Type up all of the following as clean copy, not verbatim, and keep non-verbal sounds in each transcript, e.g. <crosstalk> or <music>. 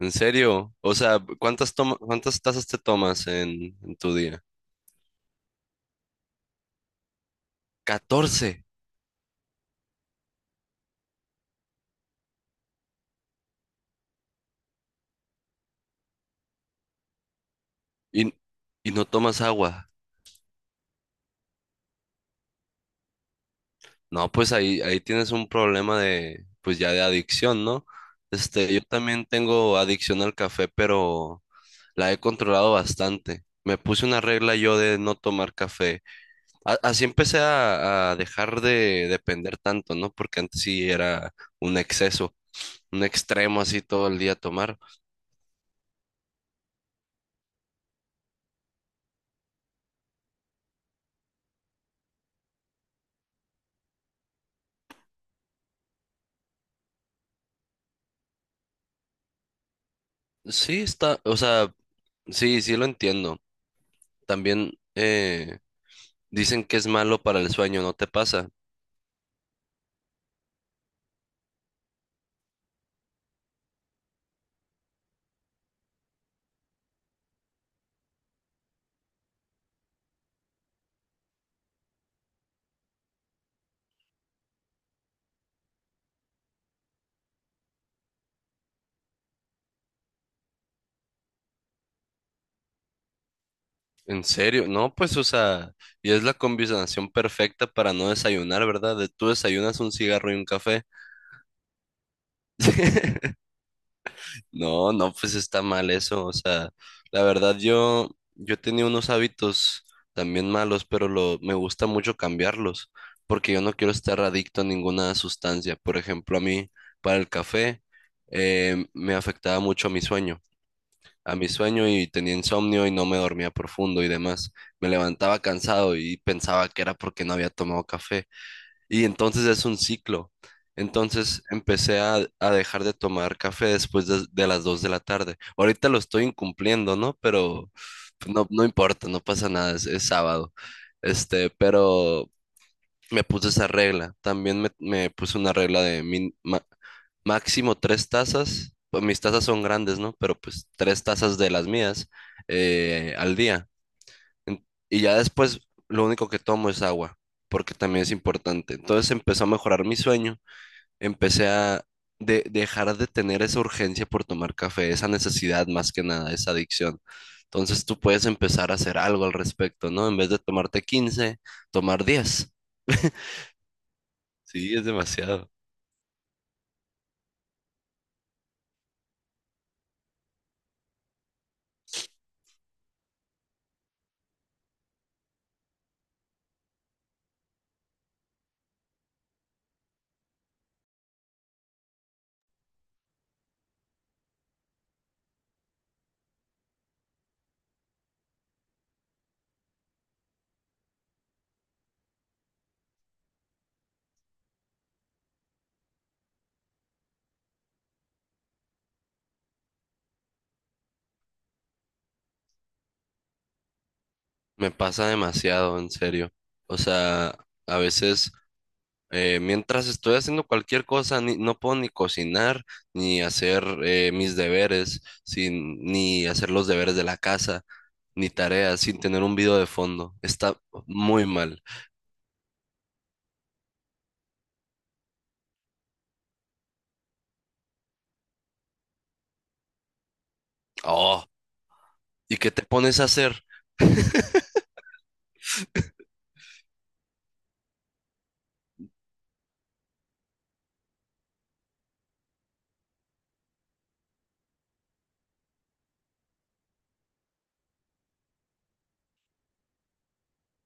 ¿En serio? O sea, ¿cuántas cuántas tazas te tomas en tu día? Catorce. Y, y no tomas agua. No, pues ahí tienes un problema de, pues ya de adicción, ¿no? Yo también tengo adicción al café, pero la he controlado bastante. Me puse una regla yo de no tomar café. Así empecé a dejar de depender tanto, ¿no? Porque antes sí era un exceso, un extremo así todo el día tomar. Sí, está, o sea. Sí, sí lo entiendo. También dicen que es malo para el sueño, ¿no te pasa? ¿En serio? No, pues, o sea, y es la combinación perfecta para no desayunar, ¿verdad? De tú desayunas un cigarro y un café. <laughs> No, no, pues está mal eso. O sea, la verdad yo, yo tenía unos hábitos también malos, pero lo, me gusta mucho cambiarlos, porque yo no quiero estar adicto a ninguna sustancia. Por ejemplo, a mí, para el café, me afectaba mucho mi sueño. A mi sueño, y tenía insomnio y no me dormía profundo y demás. Me levantaba cansado y pensaba que era porque no había tomado café. Y entonces es un ciclo. Entonces empecé a dejar de tomar café después de las 2 de la tarde. Ahorita lo estoy incumpliendo, ¿no? Pero pues, no, no importa, no pasa nada, es sábado. Pero me puse esa regla. También me puse una regla de máximo tres tazas. Pues mis tazas son grandes, ¿no? Pero pues tres tazas de las mías al día. Y ya después lo único que tomo es agua, porque también es importante. Entonces empezó a mejorar mi sueño. Empecé a dejar de tener esa urgencia por tomar café, esa necesidad más que nada, esa adicción. Entonces tú puedes empezar a hacer algo al respecto, ¿no? En vez de tomarte quince, tomar diez. Sí, es demasiado. Me pasa demasiado, en serio. O sea, a veces mientras estoy haciendo cualquier cosa, no puedo ni cocinar, ni hacer mis deberes, sin, ni hacer los deberes de la casa, ni tareas, sin tener un video de fondo. Está muy mal. Oh, ¿y qué te pones a hacer?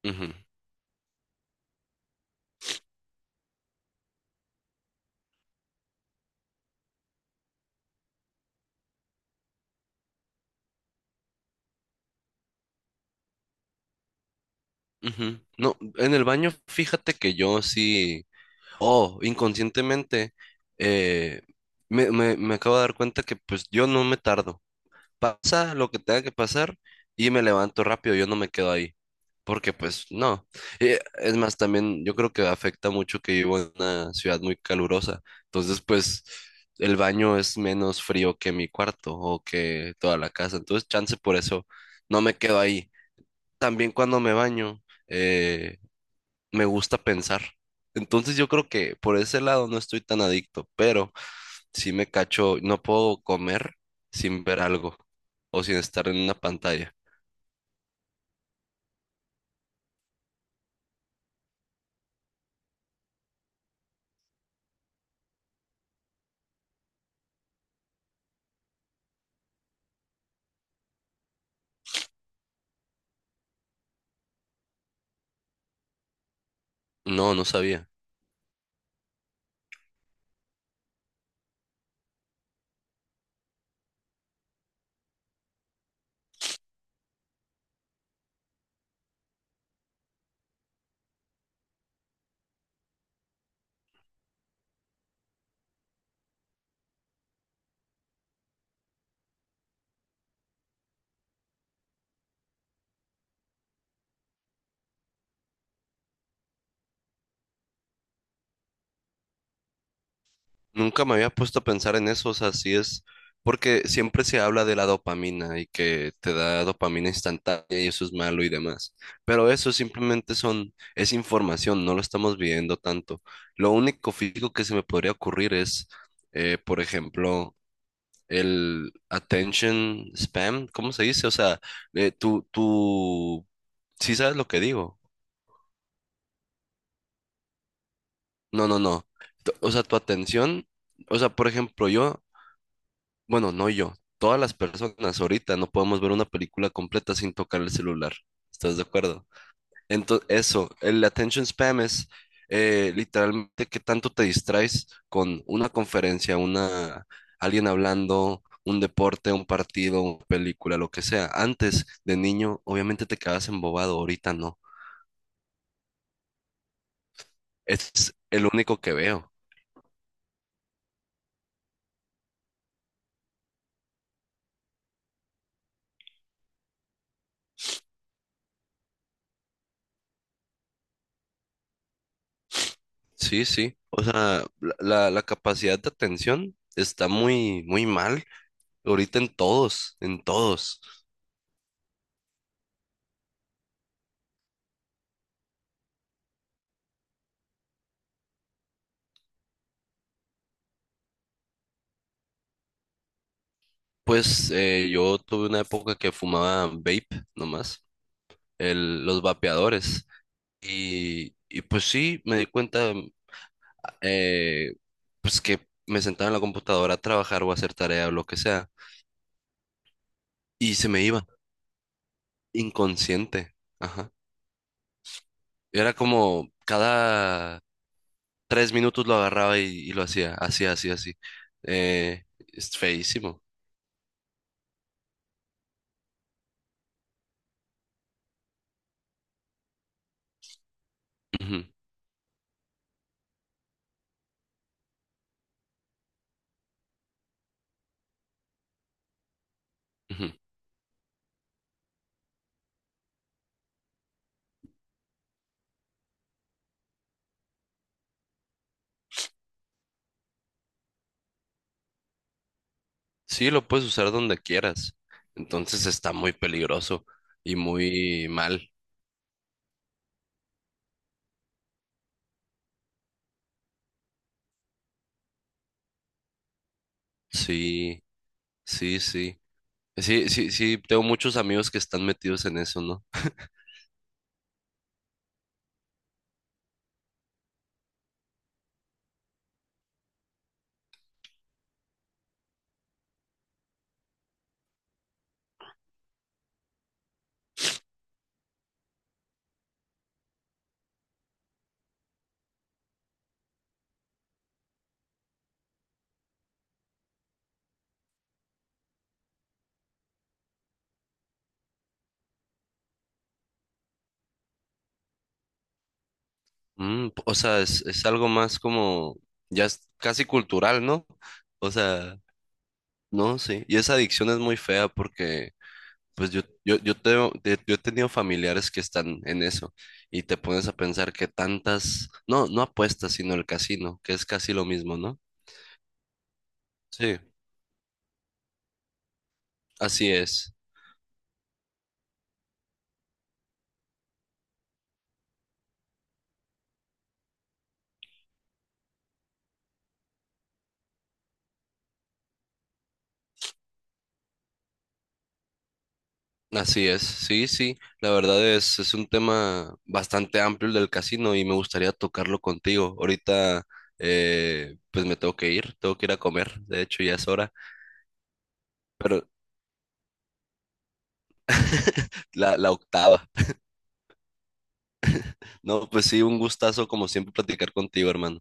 Ujú, ujú. No, en el baño, fíjate que yo sí, oh, inconscientemente, eh, me, me acabo de dar cuenta que pues yo no me tardo. Pasa lo que tenga que pasar y me levanto rápido, yo no me quedo ahí, porque pues no. Es más, también yo creo que afecta mucho que vivo en una ciudad muy calurosa, entonces pues el baño es menos frío que mi cuarto o que toda la casa, entonces chance por eso no me quedo ahí. También cuando me baño, eh, me gusta pensar, entonces yo creo que por ese lado no estoy tan adicto, pero sí me cacho, no puedo comer sin ver algo o sin estar en una pantalla. No, no sabía. Nunca me había puesto a pensar en eso, o sea, sí es porque siempre se habla de la dopamina y que te da dopamina instantánea y eso es malo y demás. Pero eso simplemente son, es información, no lo estamos viendo tanto. Lo único físico que se me podría ocurrir es, por ejemplo, el attention spam, ¿cómo se dice? O sea, eh, tú, tú, sí sabes lo que digo. No, no, no. O sea, tu atención, o sea, por ejemplo, yo, bueno, no yo, todas las personas ahorita no podemos ver una película completa sin tocar el celular. ¿Estás de acuerdo? Entonces, eso, el attention spam es literalmente qué tanto te distraes con una conferencia, una, alguien hablando, un deporte, un partido, una película, lo que sea. Antes de niño, obviamente te quedabas embobado, ahorita no. Es el único que veo. Sí, sí. O sea, la capacidad de atención está muy, muy mal ahorita en todos, en todos. Pues yo tuve una época que fumaba vape nomás, los vapeadores. Y pues sí, me di cuenta eh, pues que me sentaba en la computadora a trabajar o a hacer tarea o lo que sea. Y se me iba, inconsciente. Ajá. Era como cada tres minutos lo agarraba y lo hacía, así, así, así. Eh, es feísimo. Ujú, ujú. Sí, lo puedes usar donde quieras. Entonces está muy peligroso y muy mal. Sí, sí, sí. Sí, sí, sí, tengo muchos amigos que están metidos en eso, ¿no? Mm, o sea, es algo más como, ya es casi cultural, ¿no? O sea, no, sí. Y esa adicción es muy fea porque, pues yo he tenido familiares que están en eso y te pones a pensar que tantas, no, no apuestas, sino el casino, que es casi lo mismo, ¿no? Sí, así es. Así es, sí, sí, la verdad es un tema bastante amplio el del casino y me gustaría tocarlo contigo. Ahorita, pues me tengo que ir a comer, de hecho ya es hora, pero <laughs> la octava. No, pues sí, un gustazo como siempre platicar contigo, hermano.